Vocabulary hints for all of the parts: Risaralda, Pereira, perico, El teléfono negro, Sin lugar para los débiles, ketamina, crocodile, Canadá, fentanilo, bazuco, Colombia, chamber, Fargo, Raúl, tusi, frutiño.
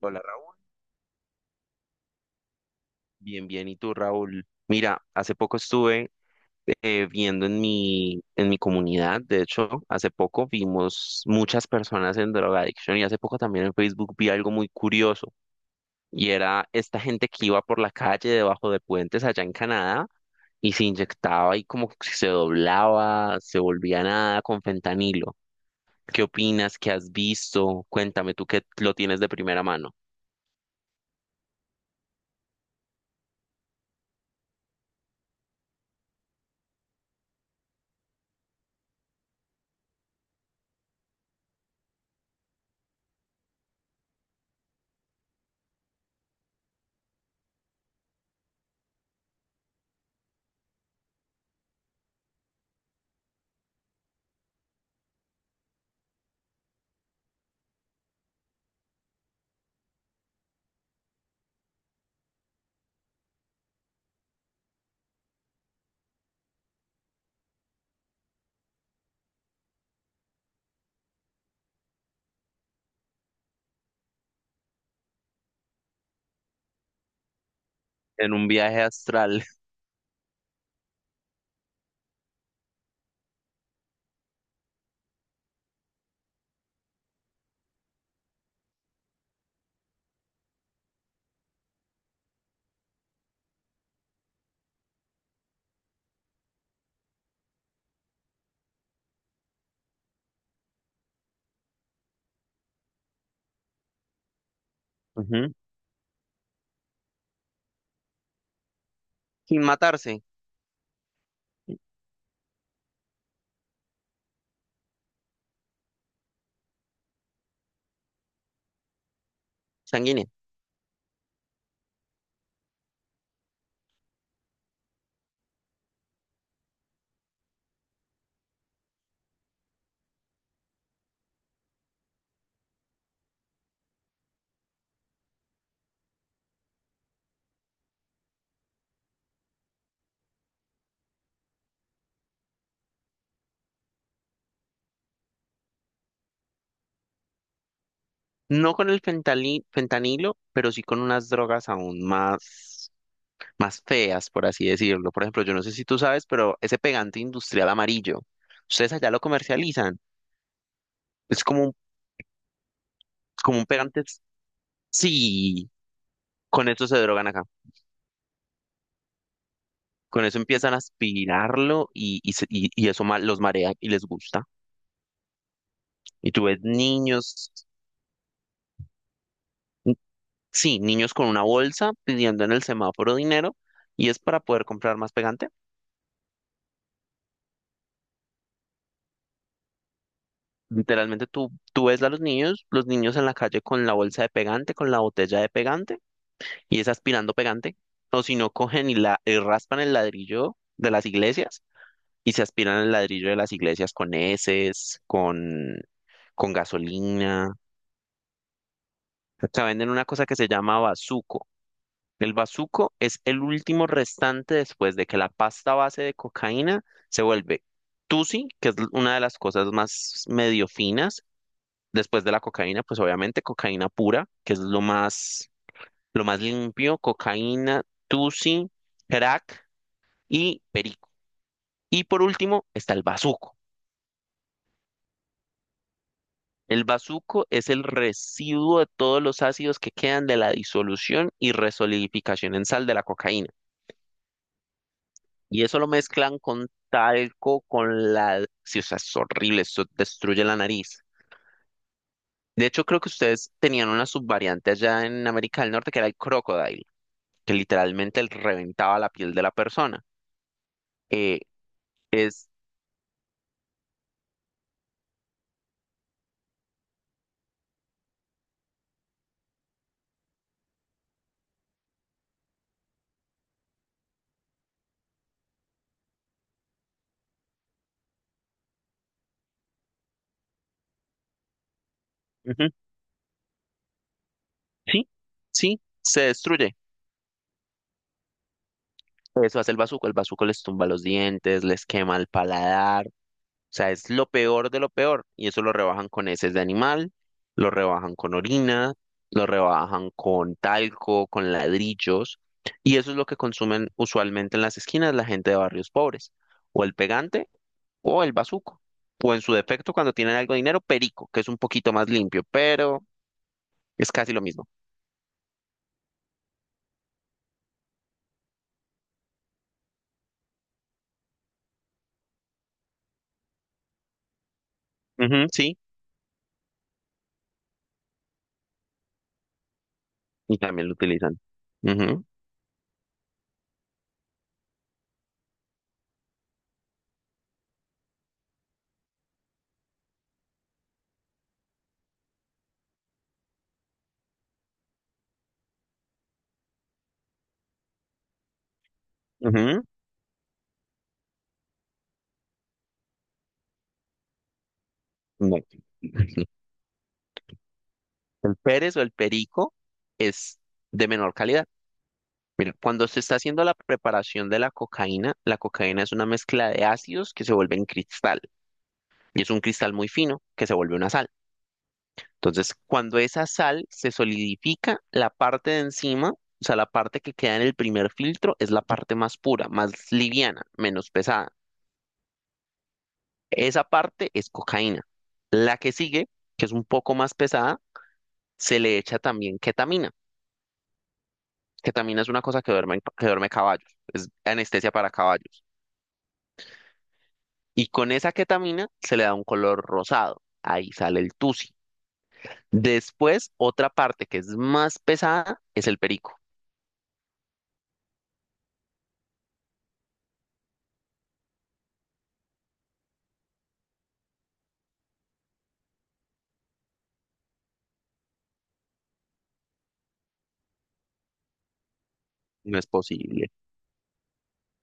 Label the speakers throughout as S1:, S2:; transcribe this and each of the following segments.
S1: Hola Raúl, bien, bien. ¿Y tú, Raúl? Mira, hace poco estuve viendo en mi comunidad, de hecho, hace poco vimos muchas personas en drogadicción y hace poco también en Facebook vi algo muy curioso y era esta gente que iba por la calle debajo de puentes allá en Canadá y se inyectaba y como que se doblaba, se volvía nada con fentanilo. ¿Qué opinas? ¿Qué has visto? Cuéntame tú que lo tienes de primera mano en un viaje astral. Ujú. Sin matarse, sanguíneo. No con el fentanilo, pero sí con unas drogas aún más, más feas, por así decirlo. Por ejemplo, yo no sé si tú sabes, pero ese pegante industrial amarillo, ustedes allá lo comercializan. Es como, como un pegante. Sí, con eso se drogan acá. Con eso empiezan a aspirarlo y, y eso los marea y les gusta. Y tú ves niños, n- sí, niños con una bolsa pidiendo en el semáforo dinero y es para poder comprar más pegante. Literalmente tú ves a los niños en la calle con la bolsa de pegante, con la botella de pegante, y es aspirando pegante, o si no cogen y, la, y raspan el ladrillo de las iglesias y se aspiran el ladrillo de las iglesias con heces, con gasolina. Acá venden una cosa que se llama bazuco. El bazuco es el último restante después de que la pasta base de cocaína se vuelve tusi, que es una de las cosas más medio finas. Después de la cocaína, pues obviamente cocaína pura, que es lo más limpio, cocaína, tusi, crack y perico. Y por último está el bazuco. El bazuco es el residuo de todos los ácidos que quedan de la disolución y resolidificación en sal de la cocaína. Y eso lo mezclan con talco, con la... Sí, o sea, es horrible, eso destruye la nariz. De hecho, creo que ustedes tenían una subvariante allá en América del Norte que era el crocodile, que literalmente reventaba la piel de la persona. Eh, es, ujú, sí, sí, se destruye. Eso hace el bazuco. El bazuco les tumba los dientes, les quema el paladar. O sea, es lo peor de lo peor. Y eso lo rebajan con heces de animal, lo rebajan con orina, lo rebajan con talco, con ladrillos. Y eso es lo que consumen usualmente en las esquinas la gente de barrios pobres. O el pegante o el bazuco. O en su defecto, cuando tienen algo de dinero, perico, que es un poquito más limpio, pero es casi lo mismo. Ujú, sí, y también lo utilizan. Ujú, ujú, no. El Pérez o el perico es de menor calidad. Mira, cuando se está haciendo la preparación de la cocaína es una mezcla de ácidos que se vuelven cristal, y es un cristal muy fino que se vuelve una sal. Entonces, cuando esa sal se solidifica, la parte de encima, o sea, la parte que queda en el primer filtro, es la parte más pura, más liviana, menos pesada. Esa parte es cocaína. La que sigue, que es un poco más pesada, se le echa también ketamina. Ketamina es una cosa que duerme caballos, es anestesia para caballos. Y con esa ketamina se le da un color rosado. Ahí sale el tusi. Después, otra parte que es más pesada es el perico. No es posible.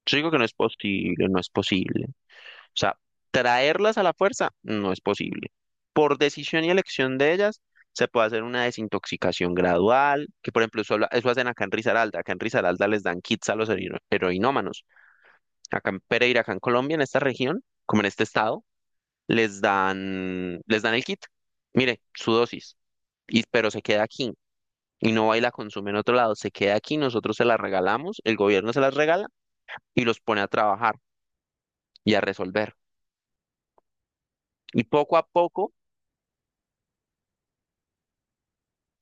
S1: Yo digo que no es posible, no es posible. O sea, traerlas a la fuerza no es posible. Por decisión y elección de ellas, se puede hacer una desintoxicación gradual, que por ejemplo, eso, eso hacen acá en Risaralda. Acá en Risaralda les dan kits a los heroinómanos. Acá en Pereira, acá en Colombia, en esta región, como en este estado, les dan el kit. Mire, su dosis, y, pero se queda aquí. Y no va y la consume en otro lado, se queda aquí, nosotros se la regalamos, el gobierno se las regala y los pone a trabajar y a resolver. Y poco a poco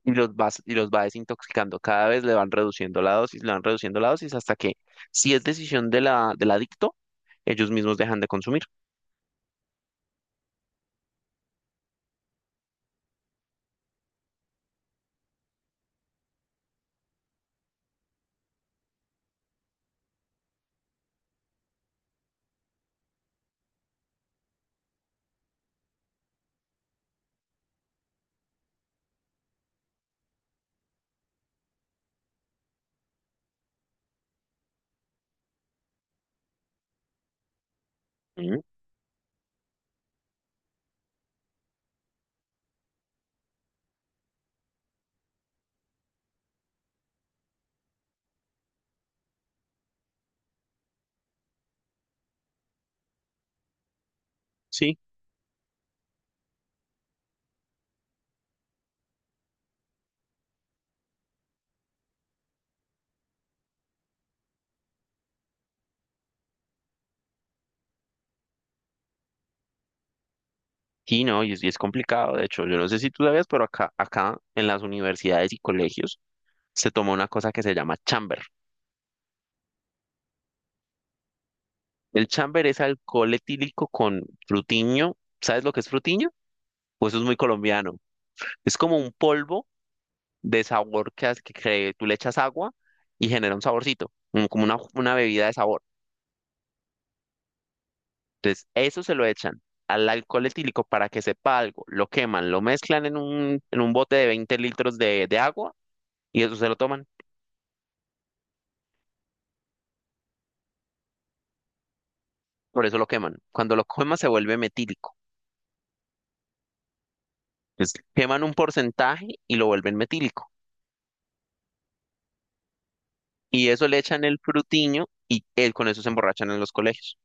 S1: y los va desintoxicando. Cada vez le van reduciendo la dosis, le van reduciendo la dosis hasta que, si es decisión de del adicto, ellos mismos dejan de consumir. Mm. Sí, sí, no, y es complicado. De hecho, yo no sé si tú sabías, pero acá en las universidades y colegios se toma una cosa que se llama chamber. El chamber es alcohol etílico con frutiño. ¿Sabes lo que es frutiño? Pues eso es muy colombiano. Es como un polvo de sabor que, que tú le echas agua y genera un saborcito, mm, como una bebida de sabor. Entonces, eso se lo echan al alcohol etílico para que sepa algo, lo queman, lo mezclan en un bote de 20 litros de agua y eso se lo toman, por eso lo queman. Cuando lo queman se vuelve metílico. Entonces, queman un porcentaje y lo vuelven metílico. Y eso le echan el frutiño y él, con eso se emborrachan en los colegios.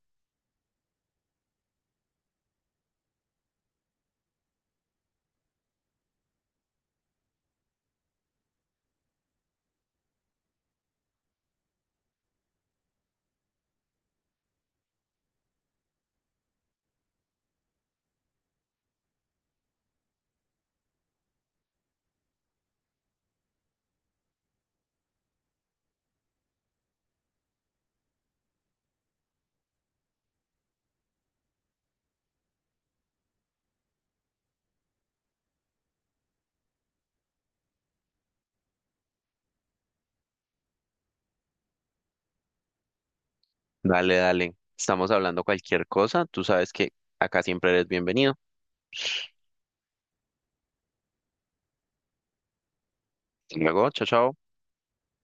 S1: Dale, dale, estamos hablando cualquier cosa, tú sabes que acá siempre eres bienvenido. Hasta luego, chao, chao.